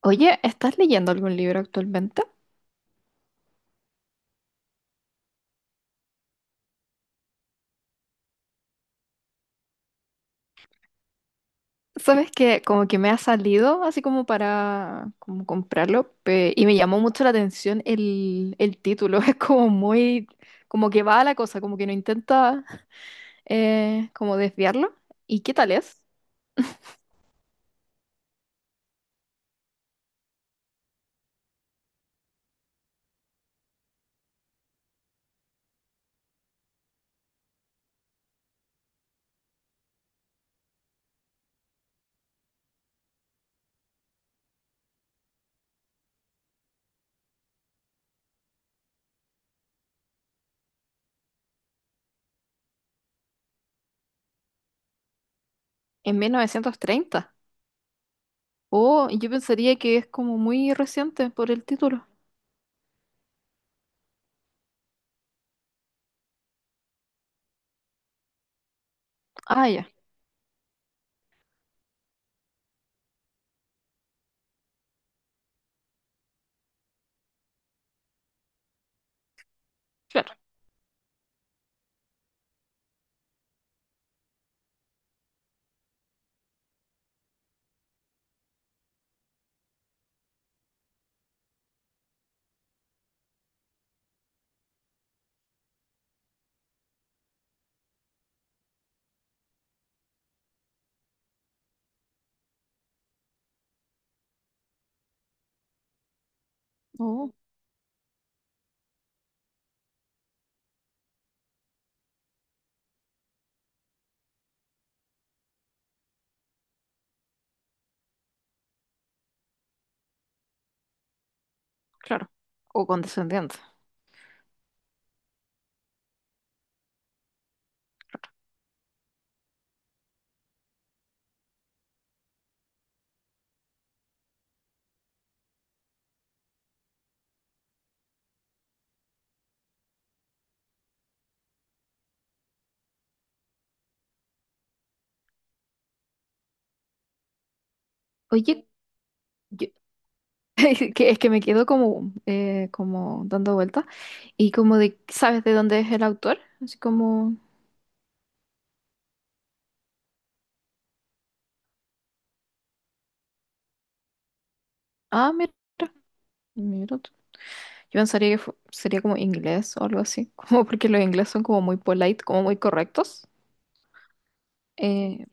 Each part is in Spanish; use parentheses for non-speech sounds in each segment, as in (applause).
Oye, ¿estás leyendo algún libro actualmente? Sabes que como que me ha salido así como para como comprarlo pe- y me llamó mucho la atención el título. (laughs) Es como muy, como que va a la cosa, como que no intenta como desviarlo. ¿Y qué tal es? En 1930. Oh, yo pensaría que es como muy reciente por el título. Ah, ya, claro. Oh, claro. O condescendiente. Oye, yo, (laughs) Es que me quedo como, como dando vueltas y como de, ¿sabes de dónde es el autor? Así como, ah, mira, mira tú. Yo pensaría que fu- sería como inglés o algo así, (laughs) como porque los ingleses son como muy polite, como muy correctos. Eh,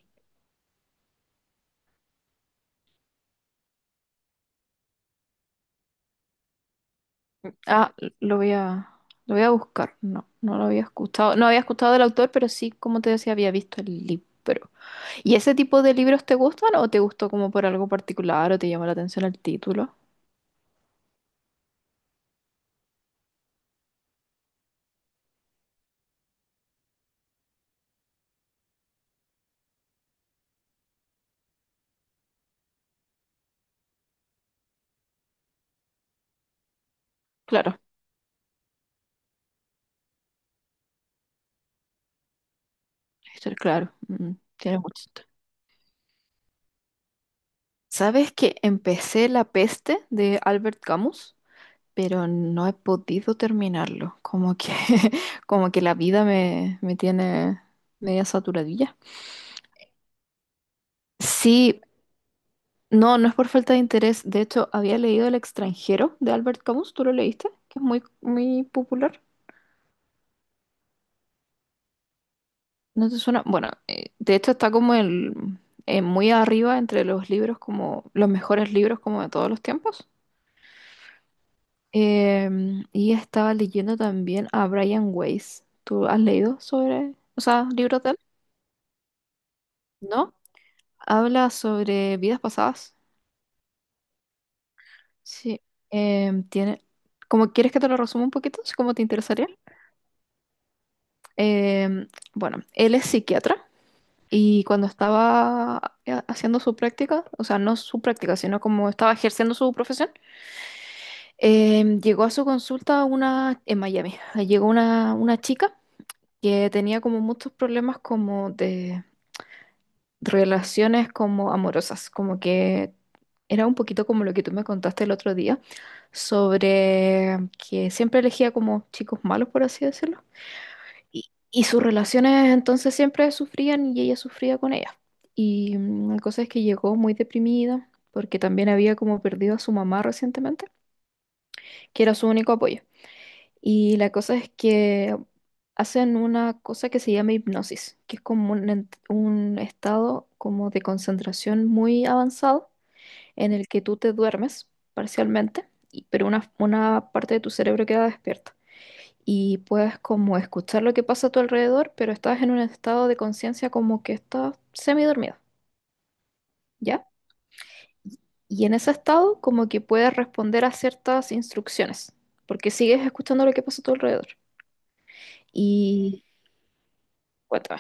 ah, lo voy a, lo voy a buscar. No, no lo había escuchado. No había escuchado del autor, pero sí, como te decía, había visto el libro. ¿Y ese tipo de libros te gustan o te gustó como por algo particular o te llamó la atención el título? Claro. Esto, claro, mm, tiene mucho sentido. ¿Sabes que empecé La peste de Albert Camus, pero no he podido terminarlo? Como que, (laughs) como que la vida me, me tiene media saturadilla. Sí, no, no es por falta de interés. De hecho, había leído El extranjero de Albert Camus, ¿tú lo leíste? Que es muy, muy popular. ¿No te suena? Bueno, de hecho está como el, muy arriba entre los libros, como los mejores libros como de todos los tiempos. Em, y estaba leyendo también a Brian Weiss. ¿Tú has leído sobre, o sea, libros de él? ¿No? Habla sobre vidas pasadas. Sí. Em, tiene, como quieres que te lo resuma un poquito, si como te interesaría. Em, bueno, él es psiquiatra y cuando estaba haciendo su práctica, o sea, no su práctica, sino como estaba ejerciendo su profesión, em, llegó a su consulta una en Miami. Llegó una chica que tenía como muchos problemas como de relaciones como amorosas, como que era un poquito como lo que tú me contaste el otro día, sobre que siempre elegía como chicos malos, por así decirlo, y sus relaciones entonces siempre sufrían y ella sufría con ella. Y mm, la cosa es que llegó muy deprimida porque también había como perdido a su mamá recientemente, que era su único apoyo. Y la cosa es que hacen una cosa que se llama hipnosis, que es como un, ent- un estado como de concentración muy avanzado en el que tú te duermes parcialmente, y- pero una parte de tu cerebro queda despierta. Y puedes como escuchar lo que pasa a tu alrededor, pero estás en un estado de conciencia como que estás semidormido, ¿ya? Y en ese estado como que puedes responder a ciertas instrucciones, porque sigues escuchando lo que pasa a tu alrededor. Y bueno,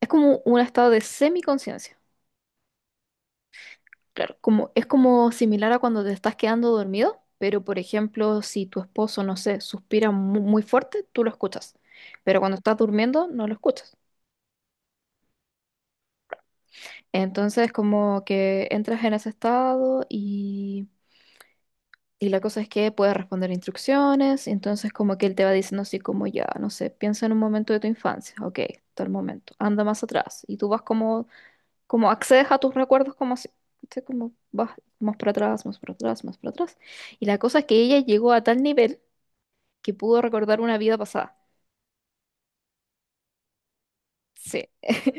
es como un estado de semiconciencia. Claro, como, es como similar a cuando te estás quedando dormido, pero por ejemplo, si tu esposo, no sé, suspira mu- muy, fuerte, tú lo escuchas, pero cuando estás durmiendo no lo escuchas. Entonces, como que entras en ese estado y la cosa es que puedes responder instrucciones, entonces como que él te va diciendo así como ya, no sé, piensa en un momento de tu infancia, ok, tal momento, anda más atrás, y tú vas como como accedes a tus recuerdos como si, ¿cachai? Como vas más para atrás, más para atrás, más para atrás. Y la cosa es que ella llegó a tal nivel que pudo recordar una vida pasada. Sí. (laughs)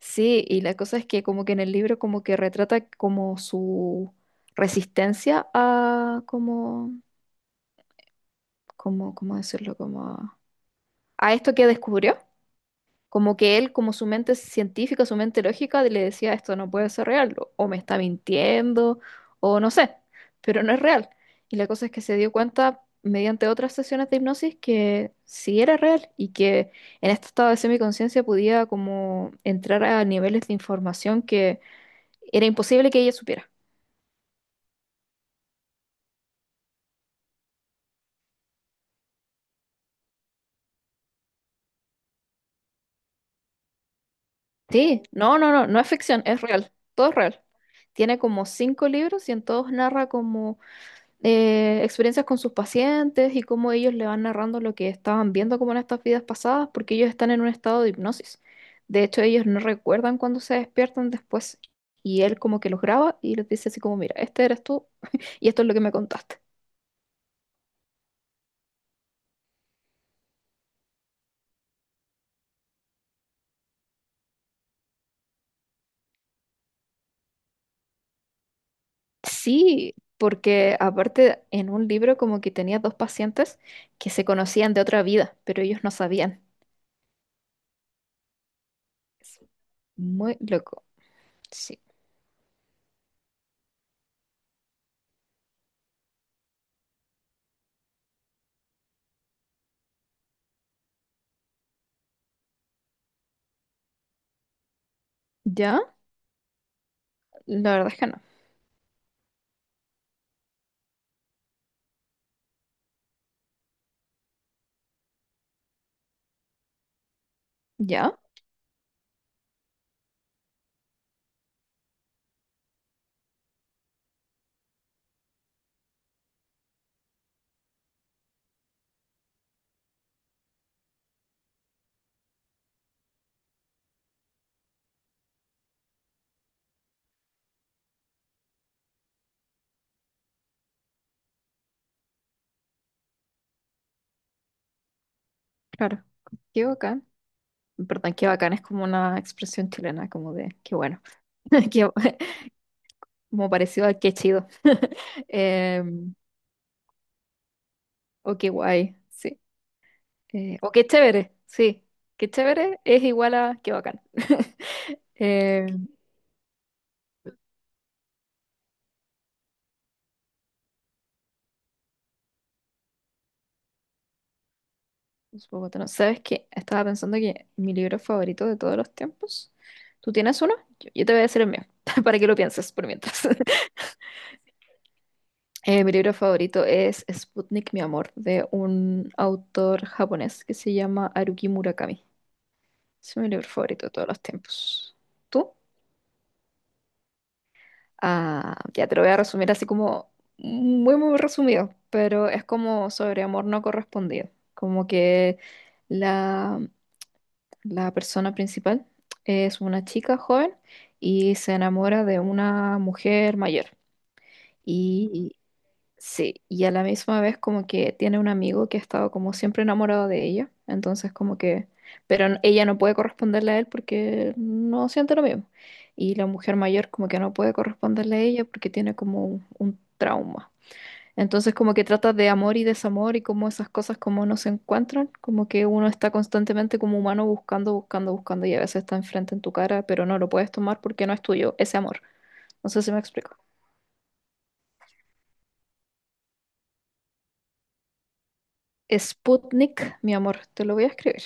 Sí, y la cosa es que como que en el libro como que retrata como su resistencia a como, como, ¿cómo decirlo? Como a esto que descubrió. Como que él, como su mente científica, su mente lógica, le decía, esto no puede ser real, o me está mintiendo, o no sé, pero no es real. Y la cosa es que se dio cuenta mediante otras sesiones de hipnosis que sí era real y que en este estado de semiconciencia podía como entrar a niveles de información que era imposible que ella supiera. Sí, no, no, no, no es ficción, es real, todo es real. Tiene como 5 libros y en todos narra como experiencias con sus pacientes y cómo ellos le van narrando lo que estaban viendo como en estas vidas pasadas, porque ellos están en un estado de hipnosis. De hecho, ellos no recuerdan cuando se despiertan después. Y él como que los graba y les dice así como, mira, este eres tú (laughs) y esto es lo que me contaste. Sí, porque aparte en un libro como que tenía dos pacientes que se conocían de otra vida, pero ellos no sabían. Es muy loco. Sí. ¿Ya? La verdad es que no. ¿Ya? Claro. Qué acá en verdad, qué bacán, es como una expresión chilena, como de qué bueno, (laughs) qué como parecido a qué chido, (laughs) em, o qué guay, sí, eh, o qué chévere, sí, qué chévere es igual a qué bacán. (laughs) Em, es bogotano. ¿Sabes qué? Estaba pensando que mi libro favorito de todos los tiempos, ¿tú tienes uno? Yo te voy a decir el mío, (laughs) para que lo pienses por mientras. (laughs) Mi libro favorito es Sputnik, mi amor, de un autor japonés que se llama Haruki Murakami. Es mi libro favorito de todos los tiempos. ¿Tú? Ah, ya te lo voy a resumir así como muy, muy resumido, pero es como sobre amor no correspondido. Como que la, la persona principal es una chica joven y se enamora de una mujer mayor. Y, sí, y a la misma vez como que tiene un amigo que ha estado como siempre enamorado de ella, entonces como que, pero n- ella no puede corresponderle a él porque no siente lo mismo. Y la mujer mayor como que no puede corresponderle a ella porque tiene como un trauma. Entonces como que trata de amor y desamor y como esas cosas como no se encuentran, como que uno está constantemente como humano buscando, buscando, buscando y a veces está enfrente en tu cara, pero no lo puedes tomar porque no es tuyo ese amor. No sé si me explico. Sputnik, mi amor, te lo voy a escribir.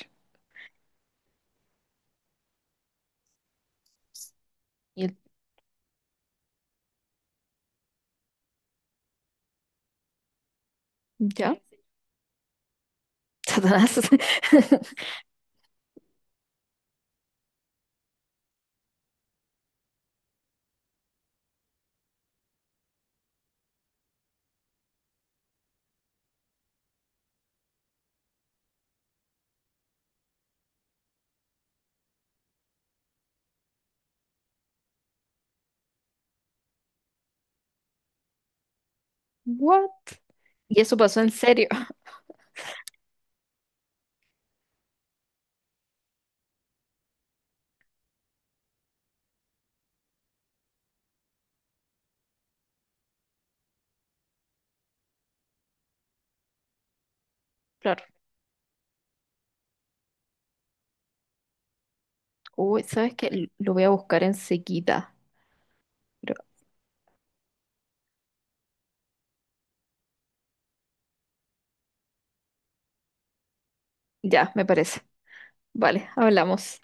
Y él, ¿ya? Satanás. (laughs) What? Y eso pasó en serio. (laughs) Claro. Uy, ¿sabes qué? Lo voy a buscar enseguida. Pero ya, me parece. Vale, hablamos.